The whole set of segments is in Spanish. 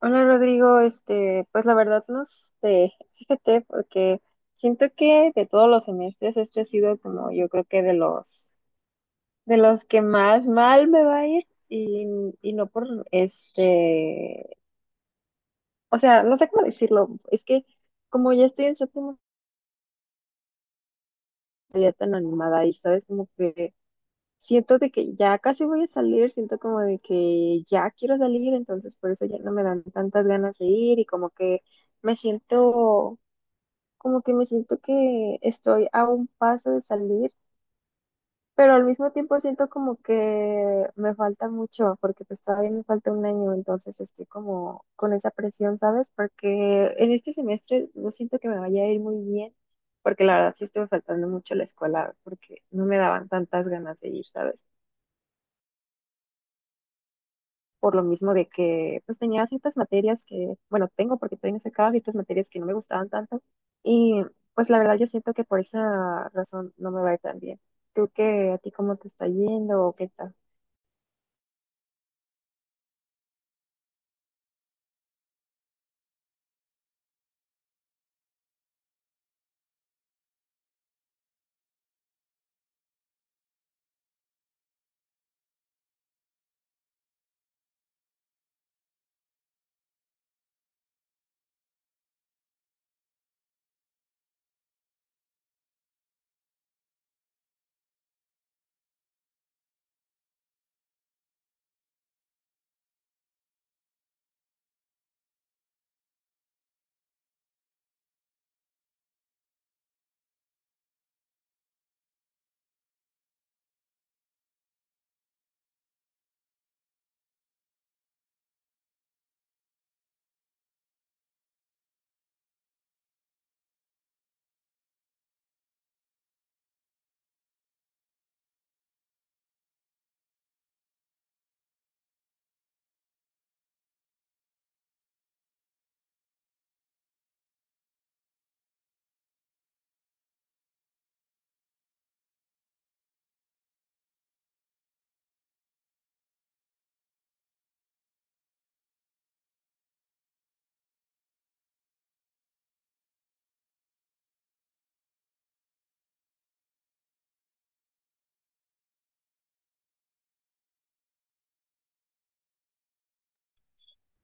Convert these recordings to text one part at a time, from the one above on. Hola Rodrigo, pues la verdad no sé, fíjate, porque siento que de todos los semestres este ha sido como yo creo que de los que más mal me va a ir y no por este, o sea, no sé cómo decirlo, es que como ya estoy en séptimo ya tan animada y sabes como que siento de que ya casi voy a salir, siento como de que ya quiero salir, entonces por eso ya no me dan tantas ganas de ir y como que me siento como que me siento que estoy a un paso de salir, pero al mismo tiempo siento como que me falta mucho, porque pues todavía me falta un año, entonces estoy como con esa presión, ¿sabes? Porque en este semestre no siento que me vaya a ir muy bien, porque la verdad sí estuve faltando mucho a la escuela, porque no me daban tantas ganas de ir, ¿sabes? Por lo mismo de que pues tenía ciertas materias que, bueno, tengo porque todavía no he sacado ciertas materias que no me gustaban tanto y pues la verdad yo siento que por esa razón no me va a ir tan bien. ¿Tú qué, a ti cómo te está yendo o qué tal?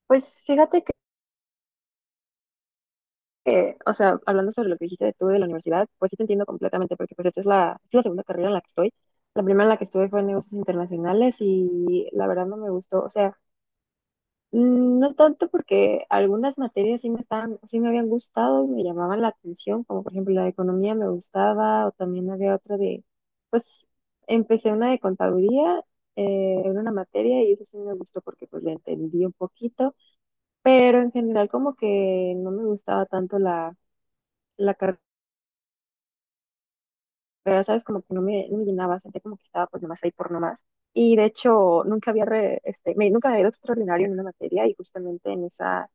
Pues fíjate que, o sea, hablando sobre lo que dijiste de tú de la universidad, pues sí te entiendo completamente porque pues esta es es la segunda carrera en la que estoy. La primera en la que estuve fue en negocios internacionales y la verdad no me gustó, o sea, mm, no tanto porque algunas materias sí me habían gustado y me llamaban la atención, como por ejemplo la de economía me gustaba, o también había otra de, pues empecé una de contaduría, era una materia y eso sí me gustó porque pues la entendí un poquito, pero en general como que no me gustaba tanto la carrera, ¿sabes? Como que no me llenaba, sentía como que estaba pues nomás ahí por nomás. Y de hecho nunca había, re- este, me, nunca me había ido extraordinario en una materia y justamente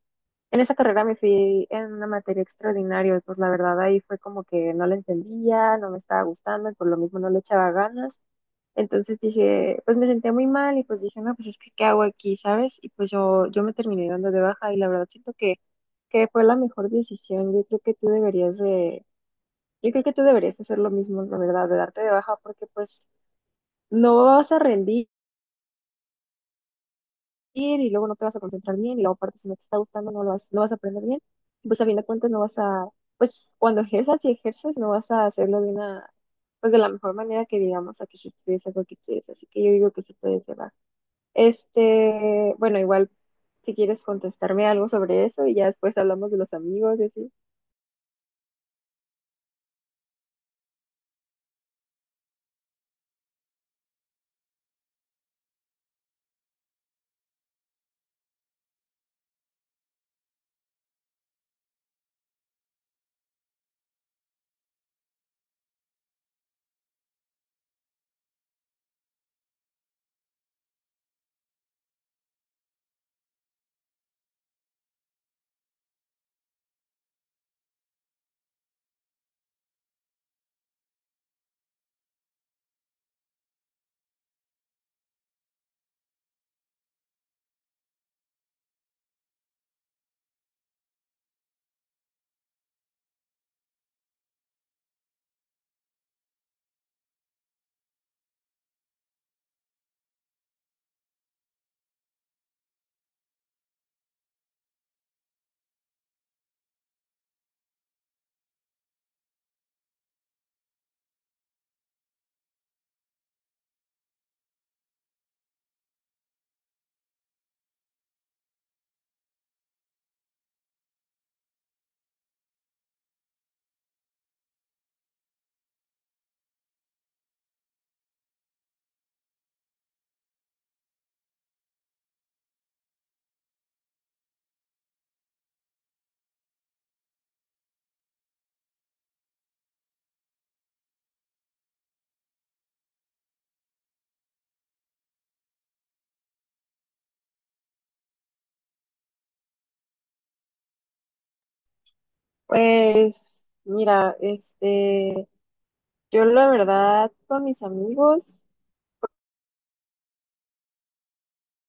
en esa carrera me fui en una materia extraordinaria, y pues la verdad ahí fue como que no la entendía, no me estaba gustando y por lo mismo no le echaba ganas. Entonces dije, pues me senté muy mal y pues dije, no, pues es que ¿qué hago aquí, sabes? Y pues yo me terminé dando de baja y la verdad siento que fue la mejor decisión. Yo creo que tú deberías hacer lo mismo, la verdad, de darte de baja porque pues no vas a rendir bien y luego no te vas a concentrar bien y luego aparte si no te está gustando no vas a aprender bien. Y pues a fin de cuentas no vas a, pues cuando ejerzas y ejerces no vas a hacerlo de una, pues de la mejor manera que digamos a que si estudies algo que quieres. Así que yo digo que sí puedes llevar. Bueno, igual si quieres contestarme algo sobre eso y ya después hablamos de los amigos y así. Pues mira, yo la verdad con mis amigos,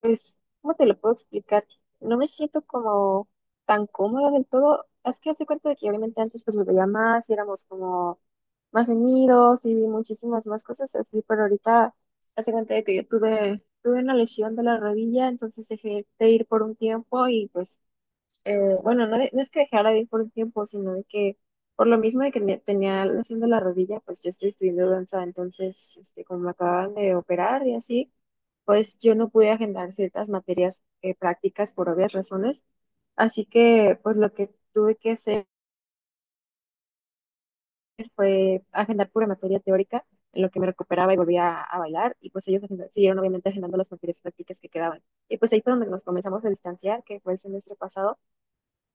pues, ¿cómo te lo puedo explicar? No me siento como tan cómoda del todo. Es que hace cuenta de que obviamente antes pues me veía más y éramos como más unidos y muchísimas más cosas así, pero ahorita hace cuenta de que yo tuve una lesión de la rodilla, entonces dejé de ir por un tiempo y pues bueno, no, no es que dejara de ir por un tiempo, sino de que por lo mismo de que tenía la lesión de la rodilla, pues yo estoy estudiando danza, entonces, como me acababan de operar y así, pues yo no pude agendar ciertas materias prácticas por obvias razones, así que pues lo que tuve que hacer fue agendar pura materia teórica, en lo que me recuperaba y volvía a bailar, y pues ellos siguieron obviamente agendando las materias prácticas que quedaban. Y pues ahí fue donde nos comenzamos a distanciar, que fue el semestre pasado.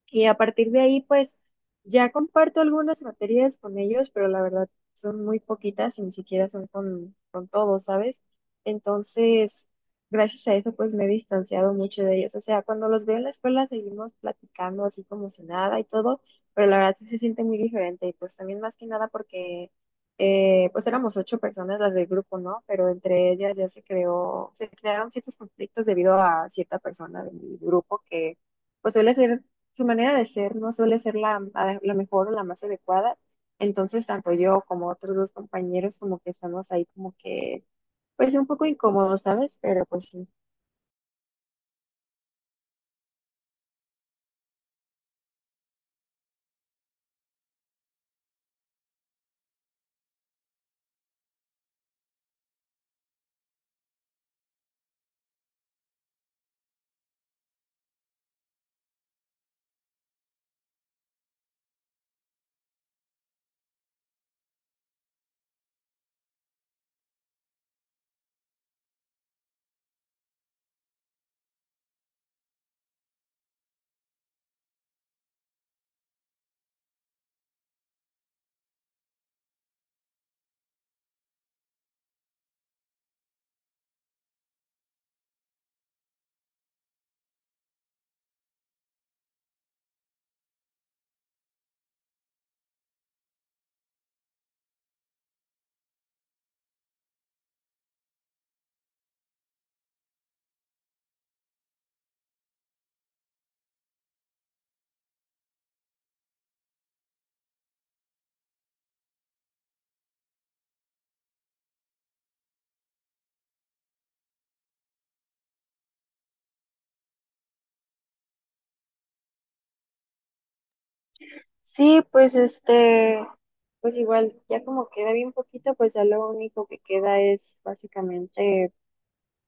Y a partir de ahí, pues ya comparto algunas materias con ellos, pero la verdad son muy poquitas y ni siquiera son con todos, ¿sabes? Entonces, gracias a eso, pues me he distanciado mucho de ellos. O sea, cuando los veo en la escuela seguimos platicando así como si nada y todo, pero la verdad sí se siente muy diferente. Y pues también más que nada porque, pues éramos 8 personas las del grupo, ¿no? Pero entre ellas ya se crearon ciertos conflictos debido a cierta persona de mi grupo que pues suele ser su manera de ser, no suele ser la mejor o la más adecuada. Entonces, tanto yo como otros dos compañeros como que estamos ahí como que, pues un poco incómodos, ¿sabes? Pero pues sí. Sí, pues pues igual, ya como queda bien poquito, pues ya lo único que queda es básicamente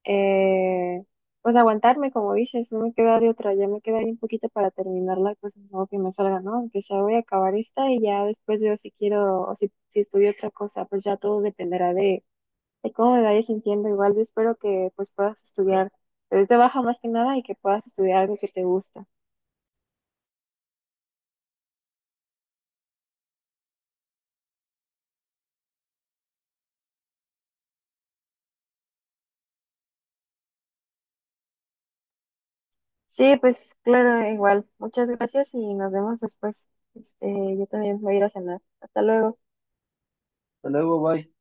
Eh, pues aguantarme, como dices, no me queda de otra, ya me queda ahí un poquito para terminarla, pues no que me salga, ¿no? Aunque sea voy a acabar esta y ya después veo si quiero o si, si estudio otra cosa, pues ya todo dependerá de cómo me vaya sintiendo. Igual yo espero que pues puedas estudiar desde baja más que nada y que puedas estudiar algo que te gusta. Sí, pues claro, igual. Muchas gracias y nos vemos después. Este, yo también voy a ir a cenar. Hasta luego. Hasta luego, bye.